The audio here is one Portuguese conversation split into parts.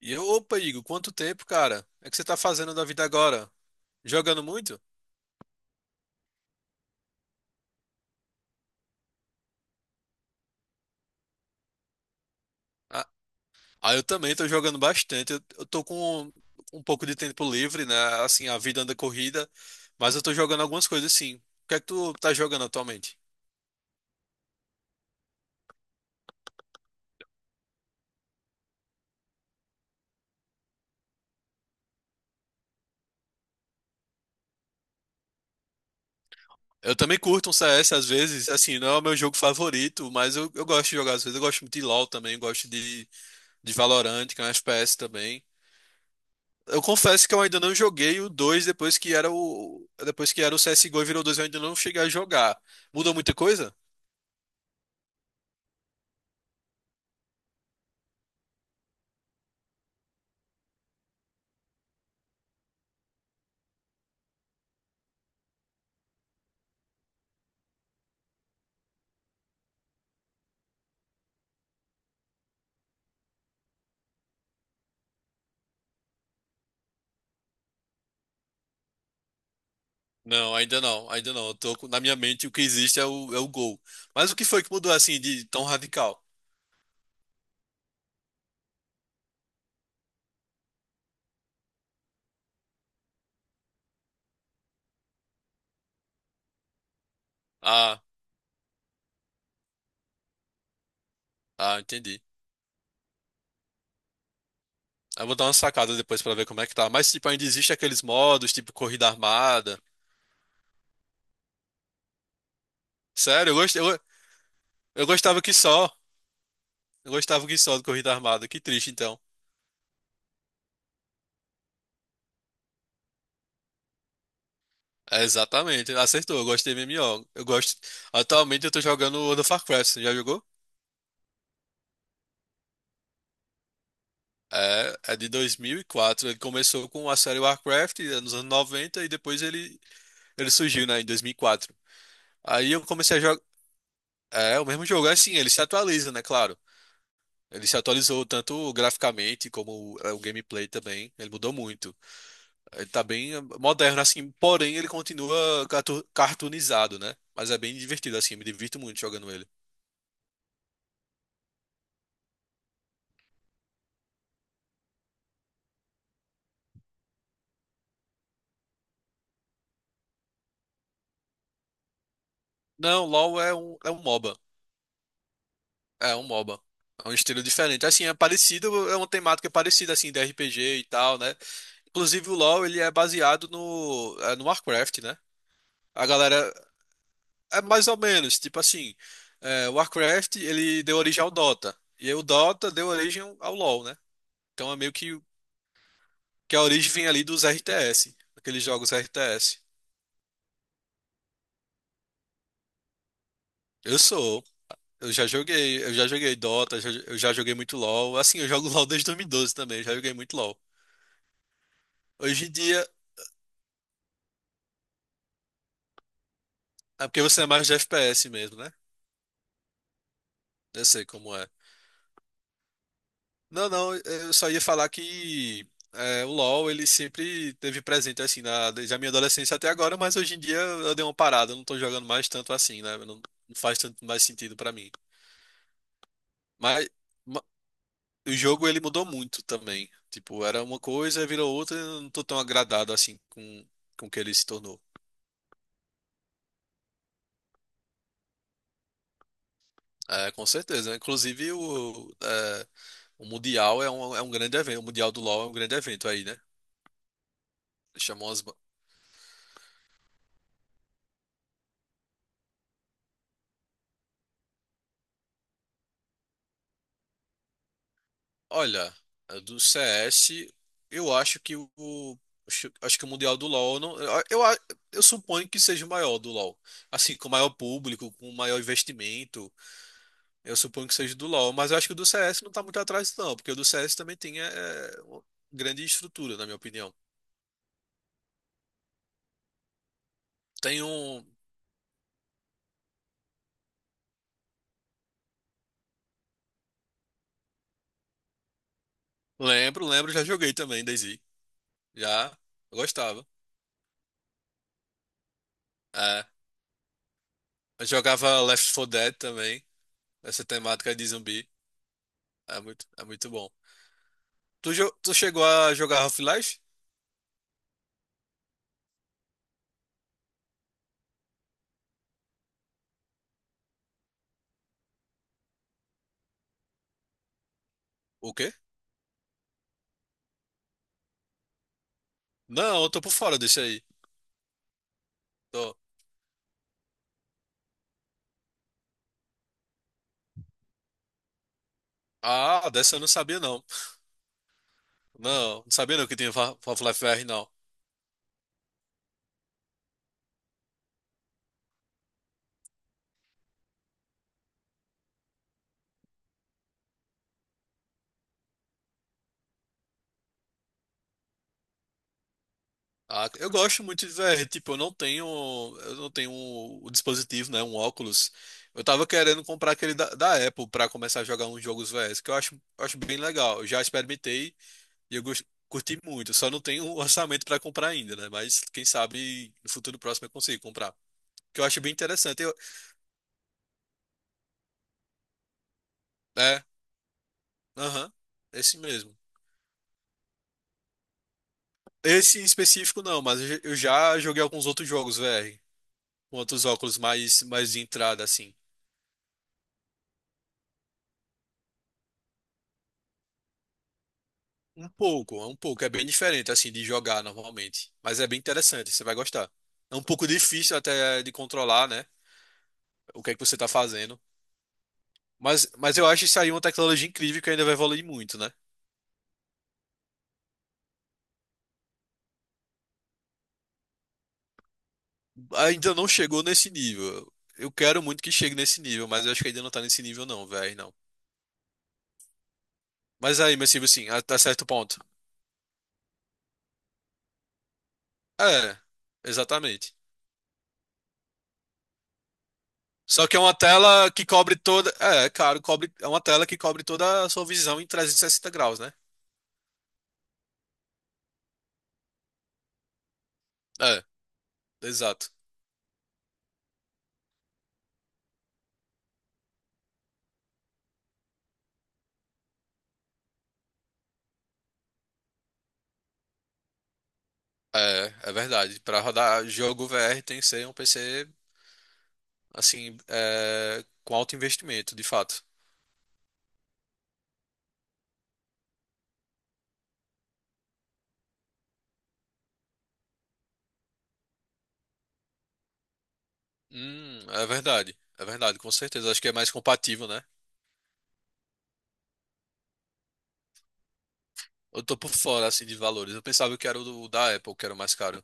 E eu, opa, Igor, quanto tempo, cara? É que você tá fazendo da vida agora? Jogando muito? Ah, ah, eu também tô jogando bastante. Eu tô com um pouco de tempo livre, né? Assim, a vida anda corrida, mas eu tô jogando algumas coisas sim. O que é que tu tá jogando atualmente? Eu também curto um CS às vezes, assim, não é o meu jogo favorito, mas eu gosto de jogar às vezes. Eu gosto muito de LoL também, gosto de Valorant, que é um FPS também. Eu confesso que eu ainda não joguei o dois. Depois que era o CS:GO e virou dois, eu ainda não cheguei a jogar. Mudou muita coisa? Não, ainda não, ainda não. Eu na minha mente o que existe é o gol. Mas o que foi que mudou assim de tão radical? Ah, ah, entendi. Eu vou dar uma sacada depois pra ver como é que tá. Mas tipo, ainda existe aqueles modos, tipo corrida armada. Sério, eu gostava que só. Eu gostava que só de corrida armada. Que triste então. É, exatamente, acertou. Eu gosto de MMO. Eu gosto. Atualmente eu tô jogando World of Warcraft. Você já jogou? É, é de 2004. Ele começou com a série Warcraft, nos anos 90, e depois ele surgiu, né, em 2004. Aí eu comecei a jogar. É, o mesmo jogo, é assim, ele se atualiza, né, claro. Ele se atualizou tanto graficamente como o gameplay também. Ele mudou muito. Ele tá bem moderno, assim, porém ele continua cartoonizado, né? Mas é bem divertido, assim, me divirto muito jogando ele. Não, LoL é um MOBA. É um MOBA. É um estilo diferente. Assim, é parecido, é uma temática parecida, assim, de RPG e tal, né? Inclusive o LoL, ele é baseado no Warcraft, né? A galera, é mais ou menos, tipo assim, o Warcraft, ele deu origem ao Dota. E aí o Dota deu origem ao LoL, né? Então é meio que a origem vem ali dos RTS, aqueles jogos RTS. Eu sou, eu já joguei Dota, eu já joguei muito LoL. Assim, eu jogo LoL desde 2012 também, já joguei muito LoL. Hoje em dia. É porque você é mais de FPS mesmo, né? Eu sei como é. Não, não, eu só ia falar que o LoL ele sempre teve presente assim, desde a minha adolescência até agora, mas hoje em dia eu dei uma parada, eu não tô jogando mais tanto assim, né? Não, não faz tanto mais sentido pra mim. Mas ma- o jogo ele mudou muito também. Tipo, era uma coisa, virou outra, e eu não tô tão agradado assim com o que ele se tornou. É, com certeza, né? Inclusive o Mundial é um grande evento, o Mundial do LoL é um grande evento aí, né? Chamou umas. Olha, do CS, eu acho que o. Acho que o Mundial do LoL. Não, eu suponho que seja o maior do LoL. Assim, com maior público, com maior investimento. Eu suponho que seja do LoL. Mas eu acho que o do CS não tá muito atrás, não. Porque o do CS também tem. É uma grande estrutura, na minha opinião. Tem um. Lembro, lembro, já joguei também, DayZ. Já. Eu gostava. É. Eu jogava Left 4 Dead também. Essa temática de zumbi. É muito bom. Tu chegou a jogar Half-Life? O quê? Não, eu tô por fora desse aí. Tô. Ah, dessa eu não sabia não. Não, não sabia não que tinha Half-Life VR não. Ah, eu gosto muito de VR, tipo, eu não tenho o dispositivo, né, um óculos. Eu tava querendo comprar aquele da Apple pra começar a jogar uns jogos VRs, que eu acho bem legal. Eu já experimentei e curti muito. Só não tenho o orçamento pra comprar ainda, né? Mas quem sabe no futuro próximo eu consigo comprar. Que eu acho bem interessante. Eu, é. Aham, esse mesmo. Esse em específico não, mas eu já joguei alguns outros jogos VR, com outros óculos mais de entrada, assim. Um pouco, é bem diferente, assim, de jogar normalmente. Mas é bem interessante, você vai gostar. É um pouco difícil até de controlar, né? O que é que você tá fazendo. Mas eu acho isso aí uma tecnologia incrível que ainda vai evoluir muito, né? Ainda não chegou nesse nível. Eu quero muito que chegue nesse nível, mas eu acho que ainda não tá nesse nível não, velho, não. Mas aí, mas tipo assim, até certo ponto. É, exatamente. Só que é uma tela que cobre toda. É, claro, cobre, é uma tela que cobre toda a sua visão em 360 graus, né? É, exato. É, é verdade. Para rodar jogo VR tem que ser um PC, assim, é, com alto investimento, de fato. É verdade. É verdade, com certeza. Acho que é mais compatível, né? Eu tô por fora, assim, de valores. Eu pensava que era o da Apple, que era o mais caro.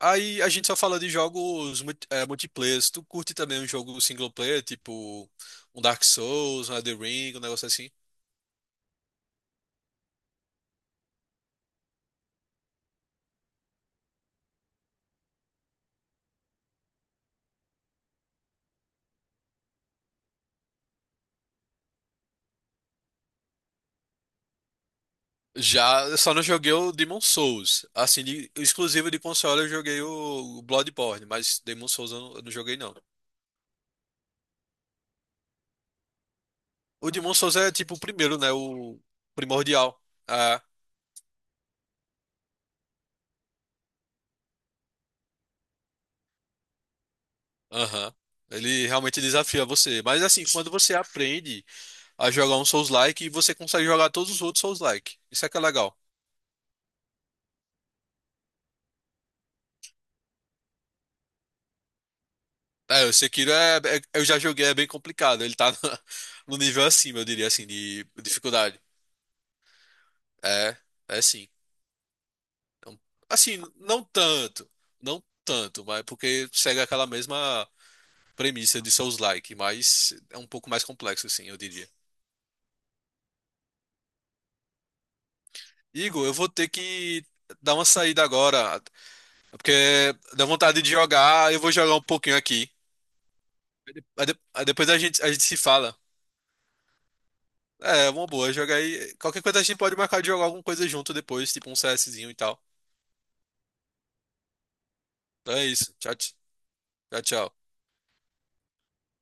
Aí a gente só fala de jogos multiplayer. Tu curte também um jogo single player, tipo um Dark Souls, um Elden Ring, um negócio assim? Já, eu só não joguei o Demon Souls. Assim, de, exclusivo de console eu joguei o Bloodborne, mas Demon Souls eu não joguei não. O Demon Souls é tipo o primeiro, né? O primordial. Ah, aham. Ele realmente desafia você. Mas assim, quando você aprende a jogar um Souls-like, você consegue jogar todos os outros Souls-like. Isso é que é legal. É, o Sekiro é, eu já joguei, é bem complicado. Ele tá no, nível acima, eu diria assim, de dificuldade. É, é sim. Então, assim, não tanto, não tanto, mas porque segue aquela mesma premissa de Souls-like, mas é um pouco mais complexo, assim, eu diria. Igor, eu vou ter que dar uma saída agora, porque dá vontade de jogar, eu vou jogar um pouquinho aqui. Aí depois a gente se fala. É, uma boa, joga aí. Qualquer coisa a gente pode marcar de jogar alguma coisa junto depois, tipo um CSzinho e tal. Então é isso. Tchau, tchau, tchau.